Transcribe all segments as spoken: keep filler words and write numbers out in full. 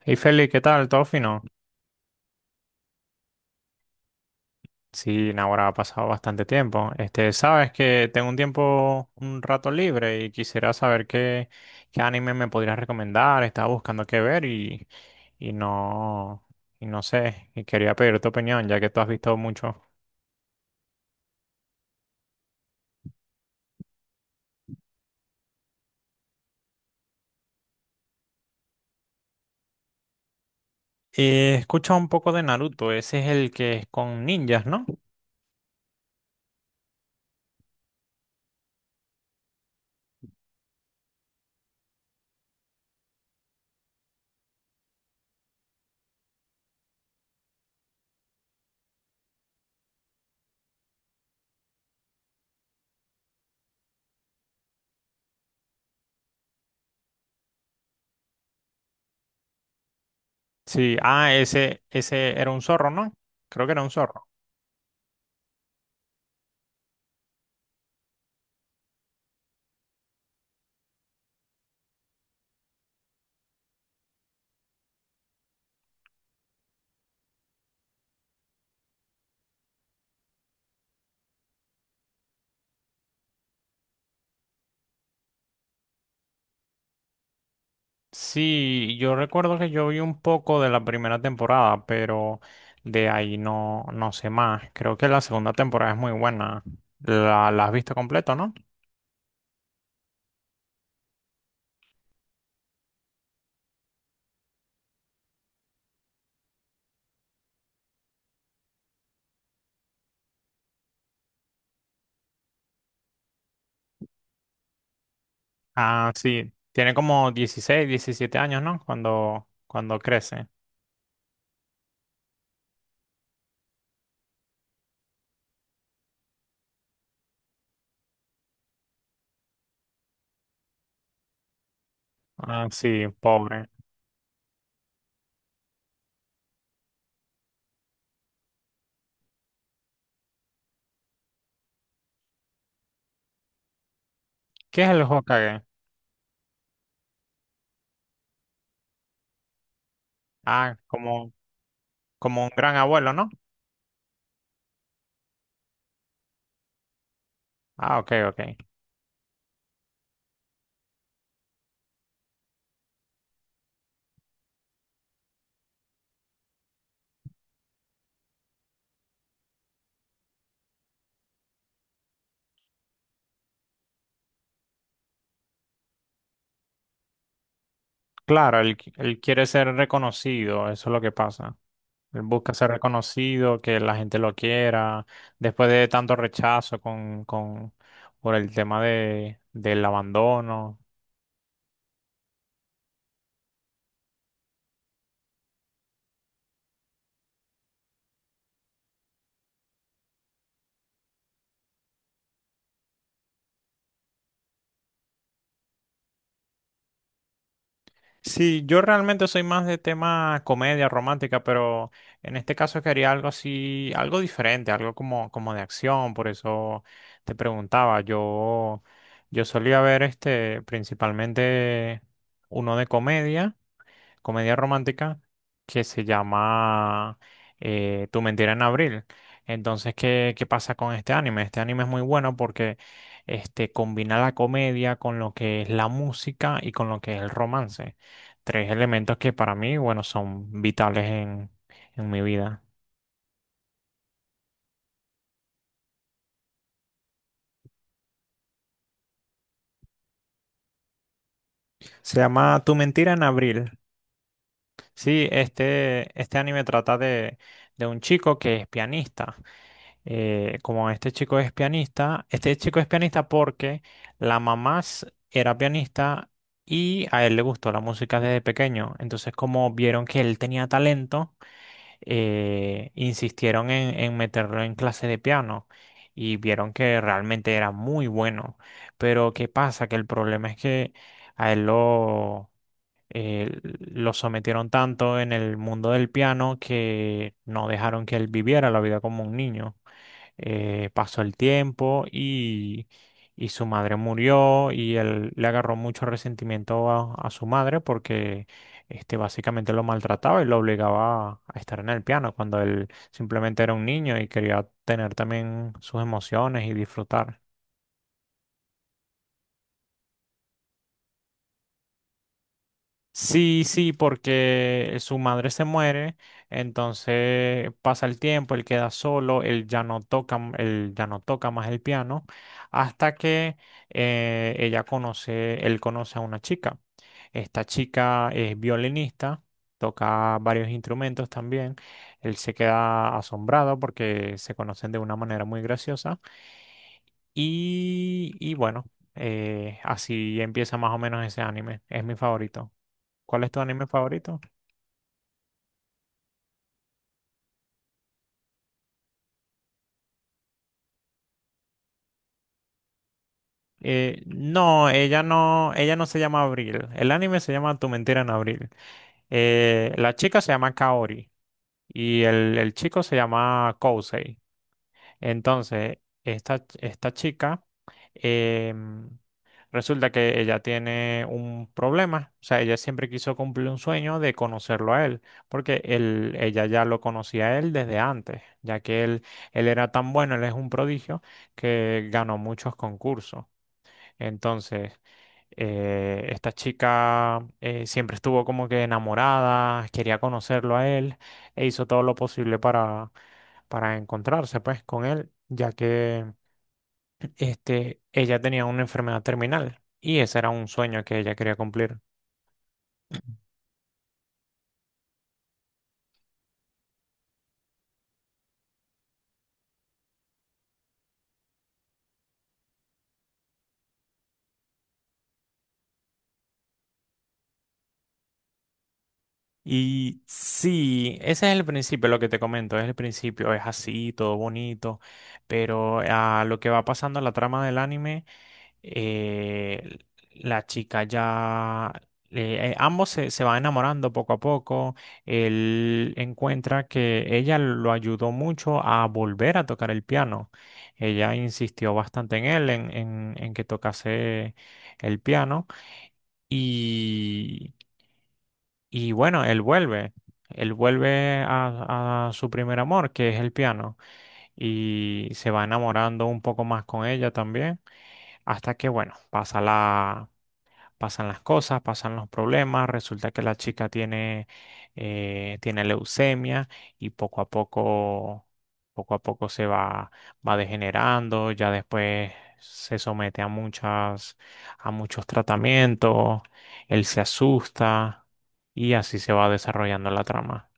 Hey Feli, ¿qué tal? ¿Todo fino? Sí, ahora ha pasado bastante tiempo. Este, sabes que tengo un tiempo, un rato libre y quisiera saber qué, qué anime me podrías recomendar. Estaba buscando qué ver y, y no, y no sé. Y quería pedir tu opinión, ya que tú has visto mucho. Eh, escucha un poco de Naruto, ese es el que es con ninjas, ¿no? Sí, ah, ese, ese era un zorro, ¿no? Creo que era un zorro. Sí, yo recuerdo que yo vi un poco de la primera temporada, pero de ahí no, no sé más. Creo que la segunda temporada es muy buena. La, la has visto completo, ¿no? Ah, sí. Tiene como dieciséis, diecisiete años, ¿no? Cuando, cuando crece. Ah, sí, pobre. ¿Qué es el Hokage? Ah, como, como un gran abuelo, ¿no? Ah, ok, ok. Claro, él, qui- él quiere ser reconocido, eso es lo que pasa. Él busca ser reconocido, que la gente lo quiera, después de tanto rechazo con, con, por el tema de, del abandono. Sí, yo realmente soy más de tema comedia romántica, pero en este caso quería algo así, algo diferente, algo como, como de acción, por eso te preguntaba. Yo, yo solía ver este, principalmente uno de comedia, comedia romántica que se llama eh, Tu mentira en abril. Entonces, ¿qué, ¿qué pasa con este anime? Este anime es muy bueno porque este, combina la comedia con lo que es la música y con lo que es el romance. Tres elementos que para mí, bueno, son vitales en, en mi vida. Se llama Tu mentira en abril. Sí, este, este anime trata de, de un chico que es pianista. Eh, como este chico es pianista, este chico es pianista porque la mamá s- era pianista y a él le gustó la música desde pequeño. Entonces, como vieron que él tenía talento, eh, insistieron en, en meterlo en clase de piano y vieron que realmente era muy bueno. Pero, ¿qué pasa? Que el problema es que a él lo eh, lo sometieron tanto en el mundo del piano que no dejaron que él viviera la vida como un niño. Eh, pasó el tiempo y, y su madre murió y él le agarró mucho resentimiento a, a su madre porque este, básicamente lo maltrataba y lo obligaba a, a estar en el piano cuando él simplemente era un niño y quería tener también sus emociones y disfrutar. Sí, sí, porque su madre se muere, entonces pasa el tiempo, él queda solo, él ya no toca, m- él ya no toca más el piano, hasta que eh, ella conoce, él conoce a una chica. Esta chica es violinista, toca varios instrumentos también. Él se queda asombrado porque se conocen de una manera muy graciosa. Y, y bueno, eh, así empieza más o menos ese anime. Es mi favorito. ¿Cuál es tu anime favorito? Eh, no, ella no, ella no se llama Abril. El anime se llama Tu mentira en abril. Eh, la chica se llama Kaori y el, el chico se llama Kousei. Entonces, esta, esta chica, em, resulta que ella tiene un problema, o sea, ella siempre quiso cumplir un sueño de conocerlo a él, porque él, ella ya lo conocía a él desde antes, ya que él, él era tan bueno, él es un prodigio, que ganó muchos concursos. Entonces, eh, esta chica eh, siempre estuvo como que enamorada, quería conocerlo a él e hizo todo lo posible para, para encontrarse pues con él, ya que este, ella tenía una enfermedad terminal y ese era un sueño que ella quería cumplir. Y sí, ese es el principio, lo que te comento, es el principio, es así, todo bonito, pero a lo que va pasando en la trama del anime, eh, la chica ya, eh, eh, ambos se, se van enamorando poco a poco, él encuentra que ella lo ayudó mucho a volver a tocar el piano, ella insistió bastante en él, en, en en que tocase el piano. Y y bueno, él vuelve, él vuelve a, a su primer amor, que es el piano, y se va enamorando un poco más con ella también, hasta que, bueno, pasa la, pasan las cosas, pasan los problemas, resulta que la chica tiene, eh, tiene leucemia y poco a poco, poco a poco se va, va degenerando, ya después se somete a muchas, a muchos tratamientos, él se asusta y así se va desarrollando la trama.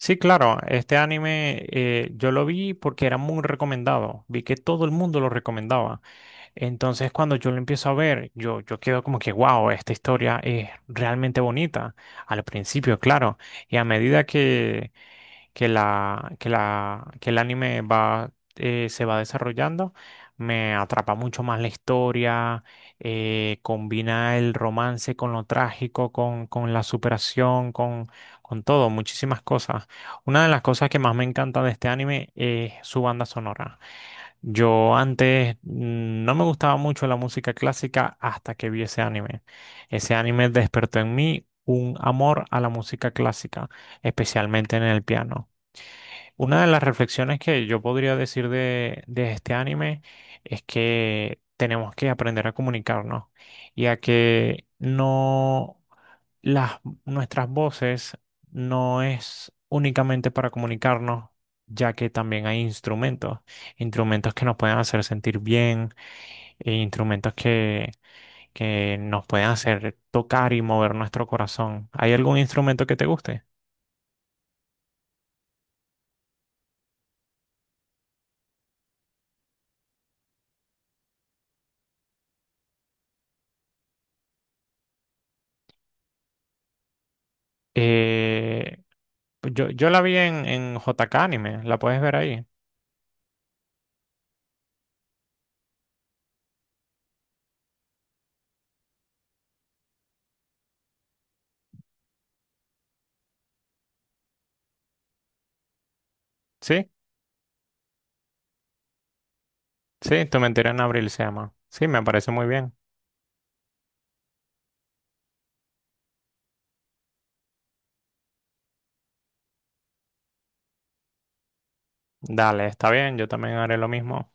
Sí, claro, este anime eh, yo lo vi porque era muy recomendado, vi que todo el mundo lo recomendaba. Entonces cuando yo lo empiezo a ver, yo, yo quedo como que, wow, esta historia es realmente bonita, al principio, claro, y a medida que, que la, que la, que el anime va, eh, se va desarrollando, me atrapa mucho más la historia, eh, combina el romance con lo trágico, con, con la superación, con, con todo, muchísimas cosas. Una de las cosas que más me encanta de este anime es su banda sonora. Yo antes mm, no me gustaba mucho la música clásica hasta que vi ese anime. Ese anime despertó en mí un amor a la música clásica, especialmente en el piano. Una de las reflexiones que yo podría decir de, de este anime es que tenemos que aprender a comunicarnos y a que no las, nuestras voces no es únicamente para comunicarnos, ya que también hay instrumentos, instrumentos que nos pueden hacer sentir bien, e instrumentos que, que nos pueden hacer tocar y mover nuestro corazón. ¿Hay algún instrumento que te guste? Eh, pues yo, yo la vi en, en J K Anime, la puedes ver ahí. ¿Sí? Sí, Tu mentira en abril se llama. Sí, me parece muy bien. Dale, está bien, yo también haré lo mismo.